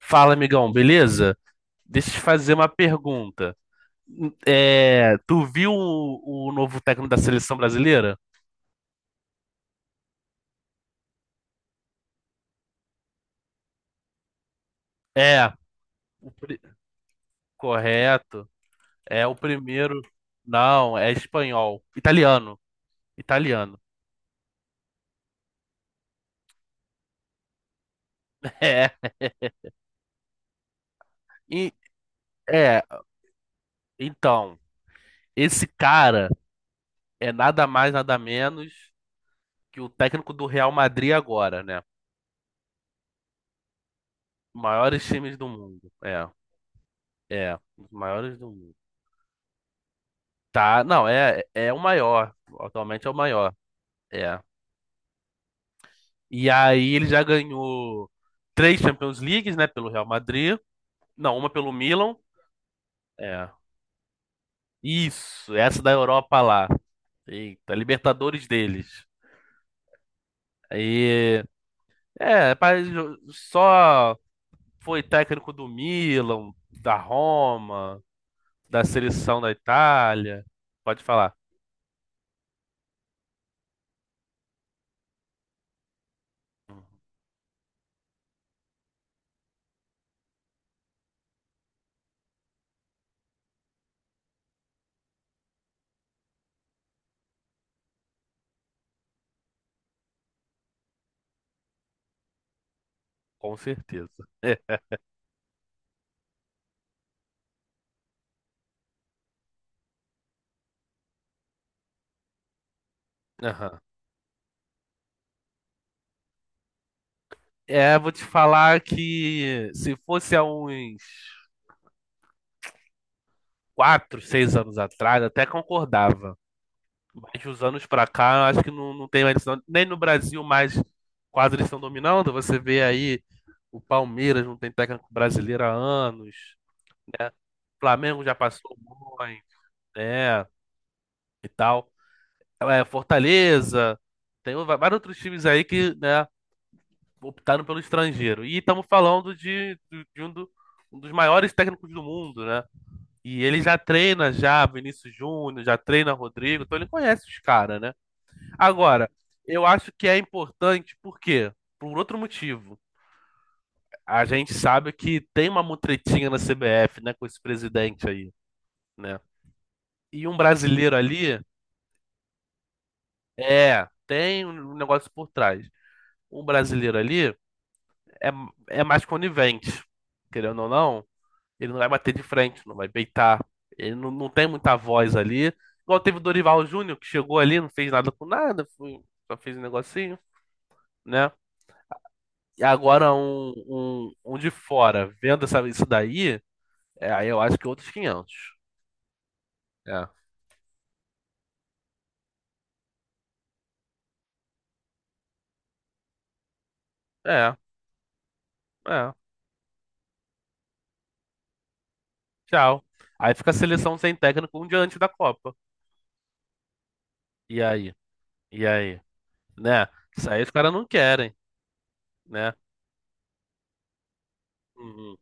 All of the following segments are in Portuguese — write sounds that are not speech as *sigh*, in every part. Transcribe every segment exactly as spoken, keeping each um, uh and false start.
Fala, amigão, beleza? Deixa eu te fazer uma pergunta. É, tu viu o, o novo técnico da seleção brasileira? É, o pri- Correto. É o primeiro. Não, é espanhol. Italiano. Italiano. *laughs* É. E, é, então, Esse cara é nada mais, nada menos que o técnico do Real Madrid agora, né? Maiores times do mundo. É, é. Os maiores do mundo. Tá, não, é, é o maior. Atualmente é o maior. É. E aí ele já ganhou três Champions Leagues, né, pelo Real Madrid. Não, uma pelo Milan. É. Isso, essa da Europa lá. Eita, Libertadores deles. Aí, é, pa- só foi técnico do Milan, da Roma, da seleção da Itália. Pode falar. Com certeza. É, aham. É, vou te falar que se fosse há uns quatro, seis anos atrás, até concordava. Mas de uns anos pra cá, eu acho que não, não tem mais isso, não. Nem no Brasil mais quase eles estão dominando. Você vê aí o Palmeiras não tem técnico brasileiro há anos, né? Flamengo já passou muito, né? E tal. É, Fortaleza, tem o- vários outros times aí que, né, optaram pelo estrangeiro. E estamos falando de, de- de um, do- um dos maiores técnicos do mundo, né? E ele já treina já Vinícius Júnior, já treina Rodrigo, então ele conhece os caras, né? Agora, eu acho que é importante, por quê? Por outro motivo. A gente sabe que tem uma mutretinha na C B F, né, com esse presidente aí, né? E um brasileiro ali, é, tem um negócio por trás. Um brasileiro ali é, é mais conivente, querendo ou não, ele não vai bater de frente, não vai beitar. Ele não, não tem muita voz ali. Igual teve o Dorival Júnior, que chegou ali, não fez nada com nada, foi- só fez um negocinho, né? E agora um, um, um de fora vendo essa, isso daí, é, aí eu acho que outros quinhentos. É, é, é, tchau. Aí fica a seleção sem técnico um dia antes da Copa. E aí? E aí? Né? Isso aí os caras não querem, né? Uhum,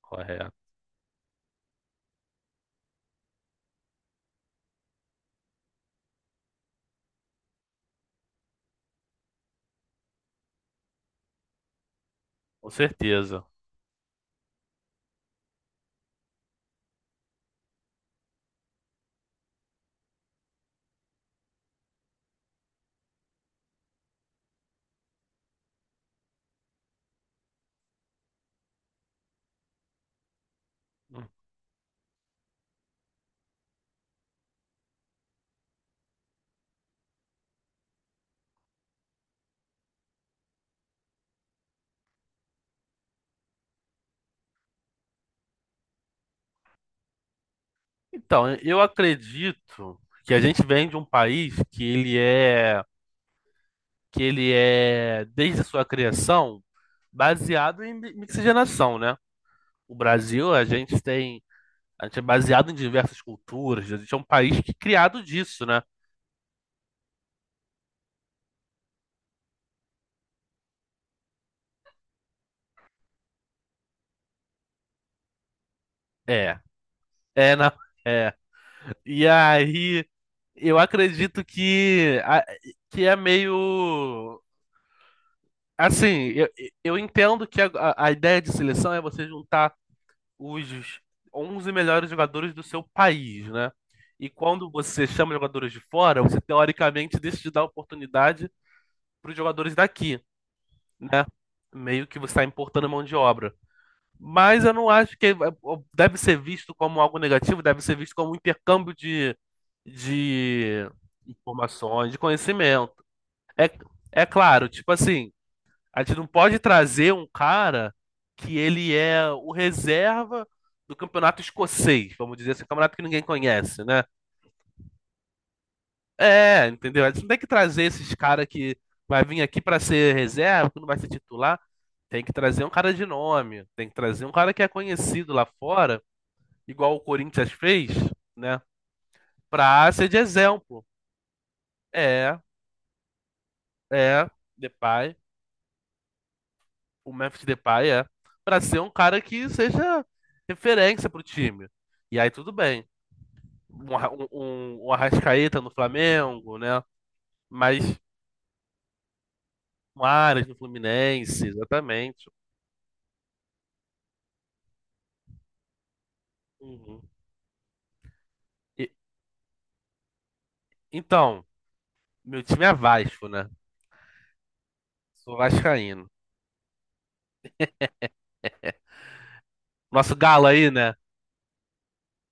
correto, com certeza. Então, eu acredito que a gente vem de um país que ele é, que ele é, desde sua criação, baseado em mi- mixigenação, né? O Brasil, a gente tem A gente é baseado em diversas culturas, a gente é um país que é criado disso, né? É, é, não, é. E aí, eu acredito que, a- que é meio. Assim, eu, eu entendo que a, a a ideia de seleção é você juntar os onze melhores jogadores do seu país, né? E quando você chama jogadores de fora, você teoricamente deixa de dar oportunidade para os jogadores daqui, né? Meio que você está importando mão de obra. Mas eu não acho que deve ser visto como algo negativo, deve ser visto como um intercâmbio de, de informações, de conhecimento. É, é claro, tipo assim, a gente não pode trazer um cara que ele é o reserva do campeonato escocês, vamos dizer assim, um campeonato que ninguém conhece, né? É, entendeu? A gente não tem que trazer esses caras que vai vir aqui para ser reserva, que não vai ser titular. Tem que trazer um cara de nome, tem que trazer um cara que é conhecido lá fora igual o Corinthians fez, né? Pra ser de exemplo. É, é, Depay, o Memphis Depay é. Pra ser um cara que seja referência pro time. E aí tudo bem. Um, Arra- um, um- um Arrascaeta no Flamengo, né? Mas um Aras no Fluminense, exatamente. Uhum. E- então, meu time é Vasco, né? Sou vascaíno. Nosso galo aí, né?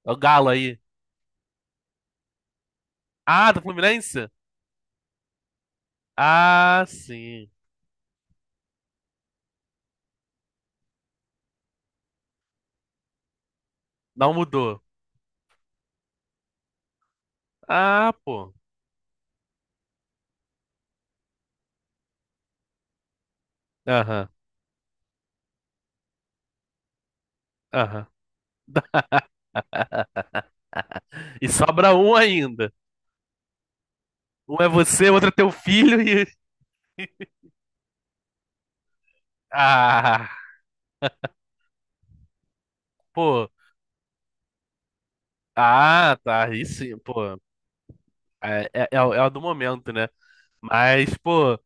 É o galo aí. Ah, do Fluminense? Ah, sim. Não mudou. Ah, pô. Aham, aham. E sobra um ainda. Um é você, outro é teu filho e. *laughs* Ah, pô. Ah, tá. Aí sim, pô. É, é, é, o é o do momento, né? Mas, pô,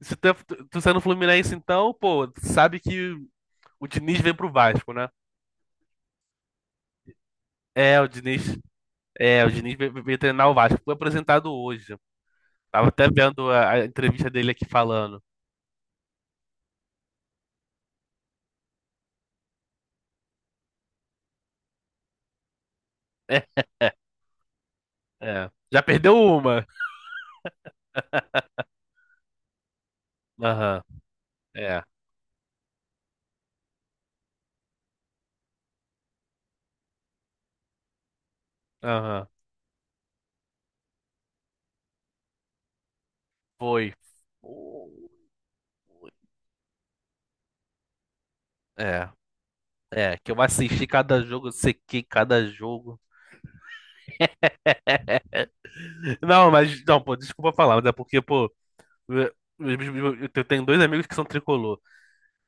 se tu, é- tu, tu sendo Fluminense, então, pô, tu sabe que o Diniz vem pro Vasco, né? É, o Diniz. É, o Diniz veio, veio treinar o Vasco. Foi apresentado hoje. Tava até vendo a, a entrevista dele aqui falando. É, é. Já perdeu uma. Aham, é. Aham. Foi. É. É, que eu assisti cada jogo, eu sequei cada jogo. Não, mas, não, pô, desculpa falar, mas é porque, pô, eu, eu- eu tenho dois amigos que são tricolor.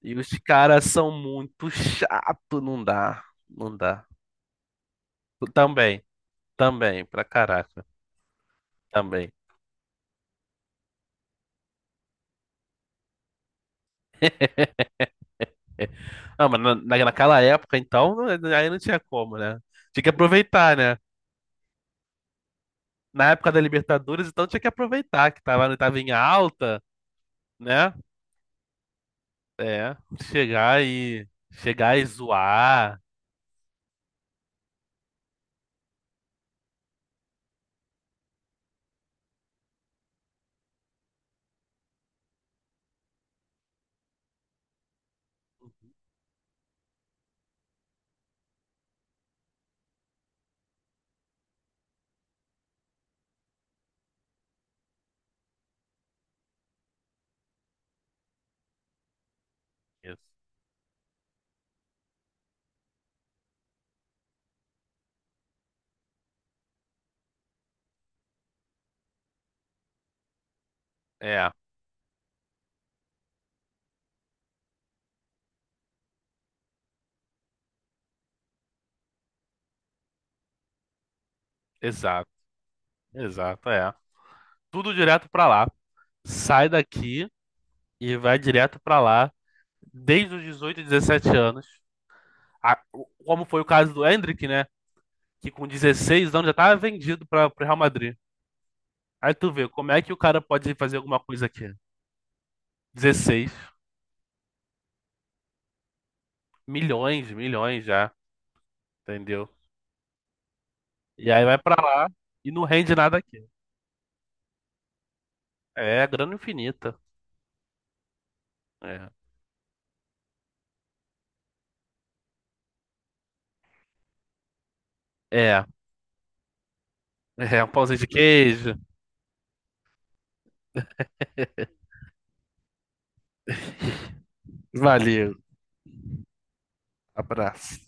E os caras são muito chato, não dá. Não dá. Também, também, pra caraca, também. Não, mas na, na- naquela época, então, não- aí não tinha como, né? Tinha que aproveitar, né? Na época da Libertadores, então tinha que aproveitar, que tava, tava em alta, né? É, chegar e chegar e zoar. Isso. É, exato, exato, é. Tudo direto pra lá. Sai daqui e vai direto pra lá desde os dezoito, dezessete anos. A- o- como foi o caso do Endrick, né? Que com dezesseis anos já tava vendido para o Real Madrid. Aí tu vê como é que o cara pode fazer alguma coisa aqui. Dezesseis milhões, milhões já, entendeu? E aí vai pra lá e não rende nada aqui. É grana infinita. É. É. É, um pãozinho de queijo. Valeu. Abraço.